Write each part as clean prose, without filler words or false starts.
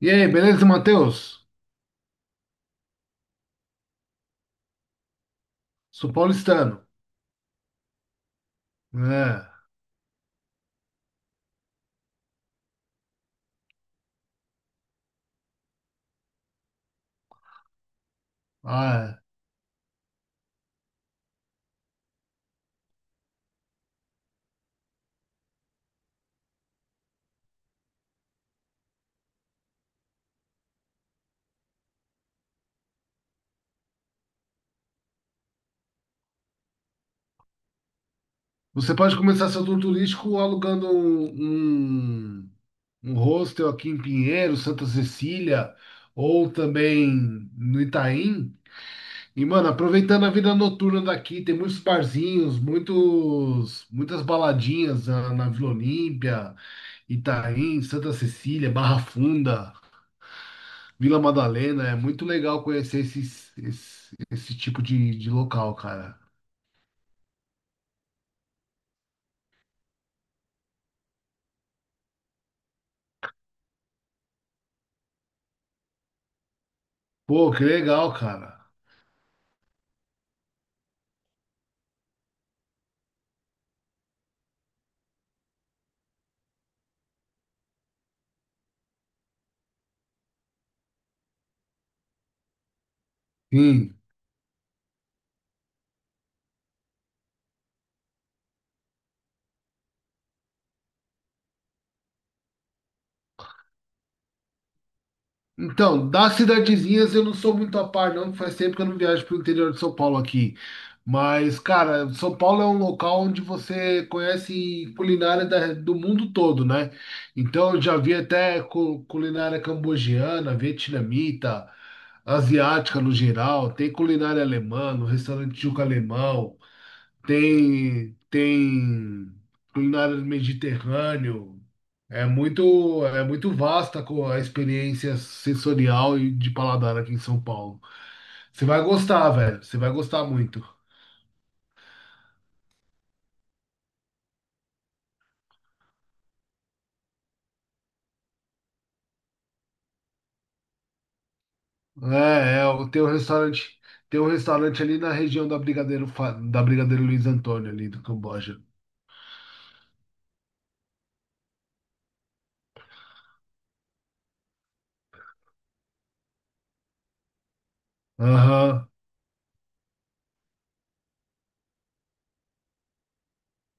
E aí, beleza, Matheus? Sou paulistano. É. Ah, é. Você pode começar seu tour turístico alugando um hostel aqui em Pinheiros, Santa Cecília, ou também no Itaim. E, mano, aproveitando a vida noturna daqui, tem muitos barzinhos, muitas baladinhas na Vila Olímpia, Itaim, Santa Cecília, Barra Funda. Vila Madalena, é muito legal conhecer esse tipo de local, cara. Pô, que legal, cara. Sim. Então, das cidadezinhas eu não sou muito a par, não, que faz tempo que eu não viajo pro interior de São Paulo aqui. Mas, cara, São Paulo é um local onde você conhece culinária do mundo todo, né? Então, eu já vi até culinária cambogiana, vietnamita, asiática no geral, tem culinária alemã, no restaurante Juca Alemão. Tem culinária do Mediterrâneo. É muito vasta a experiência sensorial e de paladar aqui em São Paulo. Você vai gostar, velho. Você vai gostar muito. Tem um restaurante, ali na região da da Brigadeiro Luiz Antônio ali do Camboja. Aham,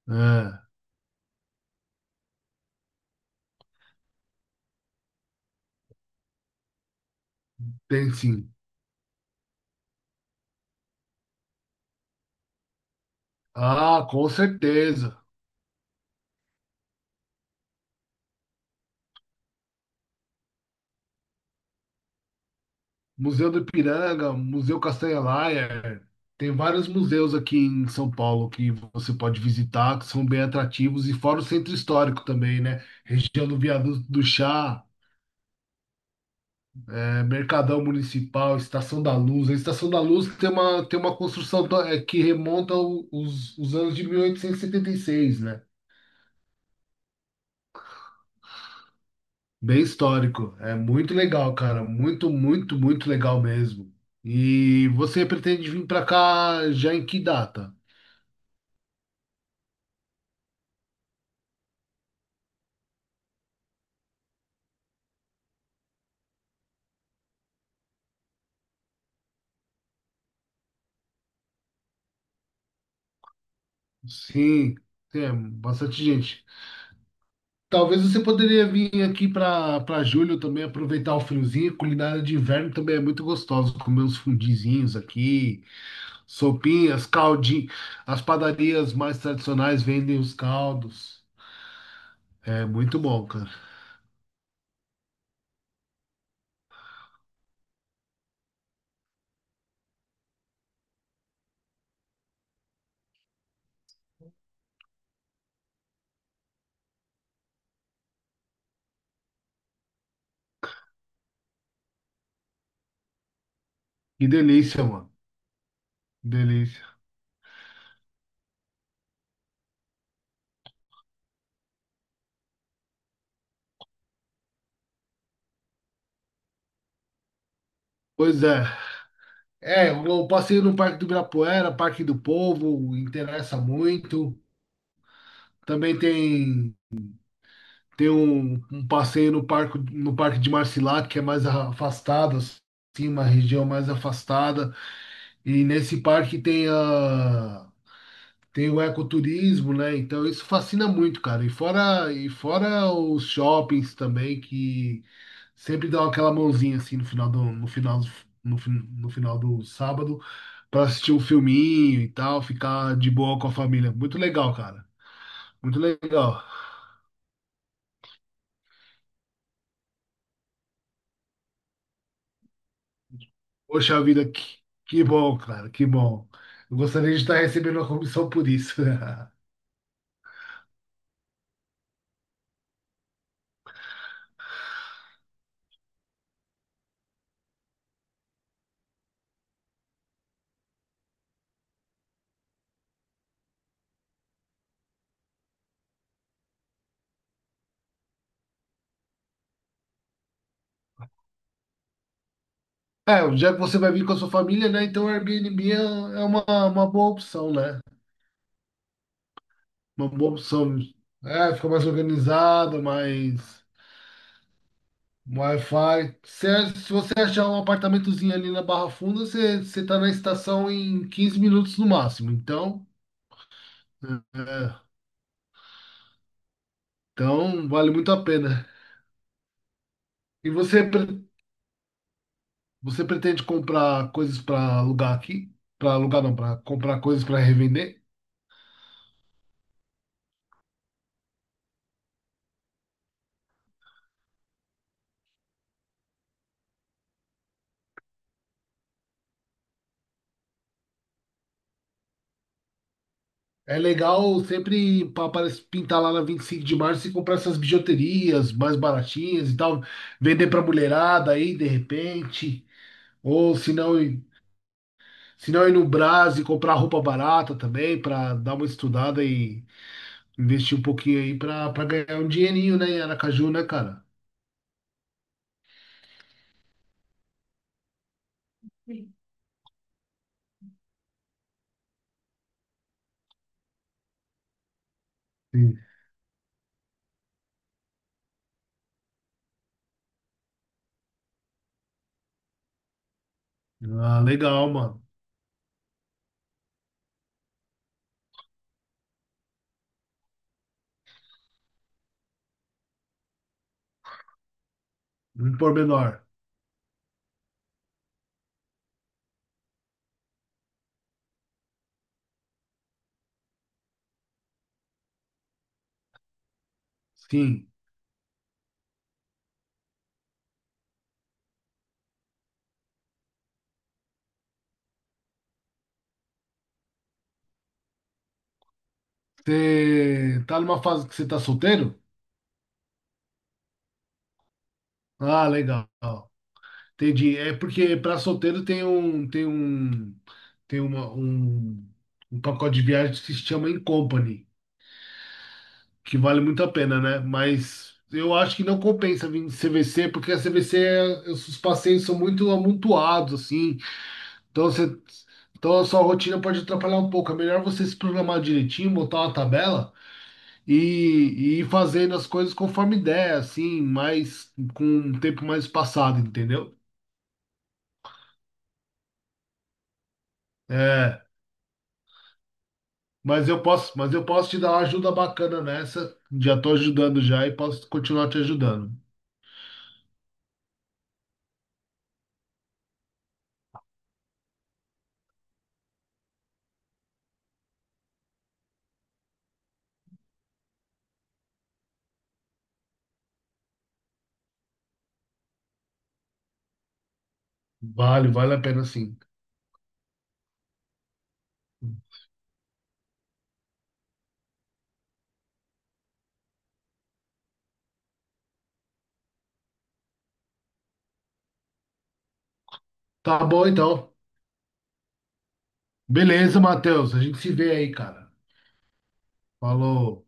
é, tem sim. Ah, com certeza. Museu do Ipiranga, Museu Castanha Laia, tem vários museus aqui em São Paulo que você pode visitar, que são bem atrativos, e fora o centro histórico também, né? Região do Viaduto do Chá, Mercadão Municipal, Estação da Luz. A Estação da Luz tem uma, construção que remonta os anos de 1876, né? Bem histórico. É muito legal, cara. Muito, muito, muito legal mesmo. E você pretende vir para cá já em que data? Sim, é bastante gente. Talvez você poderia vir aqui para julho também aproveitar o friozinho. Culinária de inverno também é muito gostosa. Comer uns fundizinhos aqui, sopinhas, caldinho. As padarias mais tradicionais vendem os caldos. É muito bom, cara. Que delícia, mano. Delícia. Pois é. É, o passeio no Parque do Ibirapuera, Parque do Povo, interessa muito. Também tem Tem um passeio no parque, de Marcilac, que é mais afastado, assim, uma região mais afastada. E nesse parque tem a, tem o ecoturismo, né? Então isso fascina muito, cara. E fora os shoppings também, que sempre dão aquela mãozinha assim no final do sábado para assistir um filminho e tal, ficar de boa com a família. Muito legal, cara. Muito legal. Poxa vida, que, bom, cara, que bom. Eu gostaria de estar recebendo uma comissão por isso. É, já que você vai vir com a sua família, né? Então o Airbnb é uma boa opção, né? Uma boa opção. É, fica mais organizado, mais Wi-Fi. Se você achar um apartamentozinho ali na Barra Funda, você tá na estação em 15 minutos no máximo. Então, é, é, vale muito a pena. E você pre- Você pretende comprar coisas para alugar aqui? Para alugar não, para comprar coisas para revender? É legal sempre parece pintar lá na 25 de março e comprar essas bijuterias mais baratinhas e tal, vender para mulherada aí de repente, ou se não, se não ir no Brás e comprar roupa barata também para dar uma estudada e investir um pouquinho aí para ganhar um dinheirinho, né, em Aracaju, né, cara? Sim. Ah, legal, mano. Um pormenor. Sim. Você tá numa fase que você tá solteiro? Ah, legal. Entendi. É porque para solteiro tem um pacote de viagem que se chama In Company, que vale muito a pena, né? Mas eu acho que não compensa vir de CVC, porque a CVC os passeios são muito amontoados assim. Então você então a sua rotina pode atrapalhar um pouco. É melhor você se programar direitinho, botar uma tabela e fazendo as coisas conforme ideia, assim, mais com um tempo mais passado, entendeu? É, mas eu posso te dar uma ajuda bacana nessa. Já tô ajudando já e posso continuar te ajudando. Vale a pena sim. Tá bom então. Beleza, Matheus. A gente se vê aí, cara. Falou.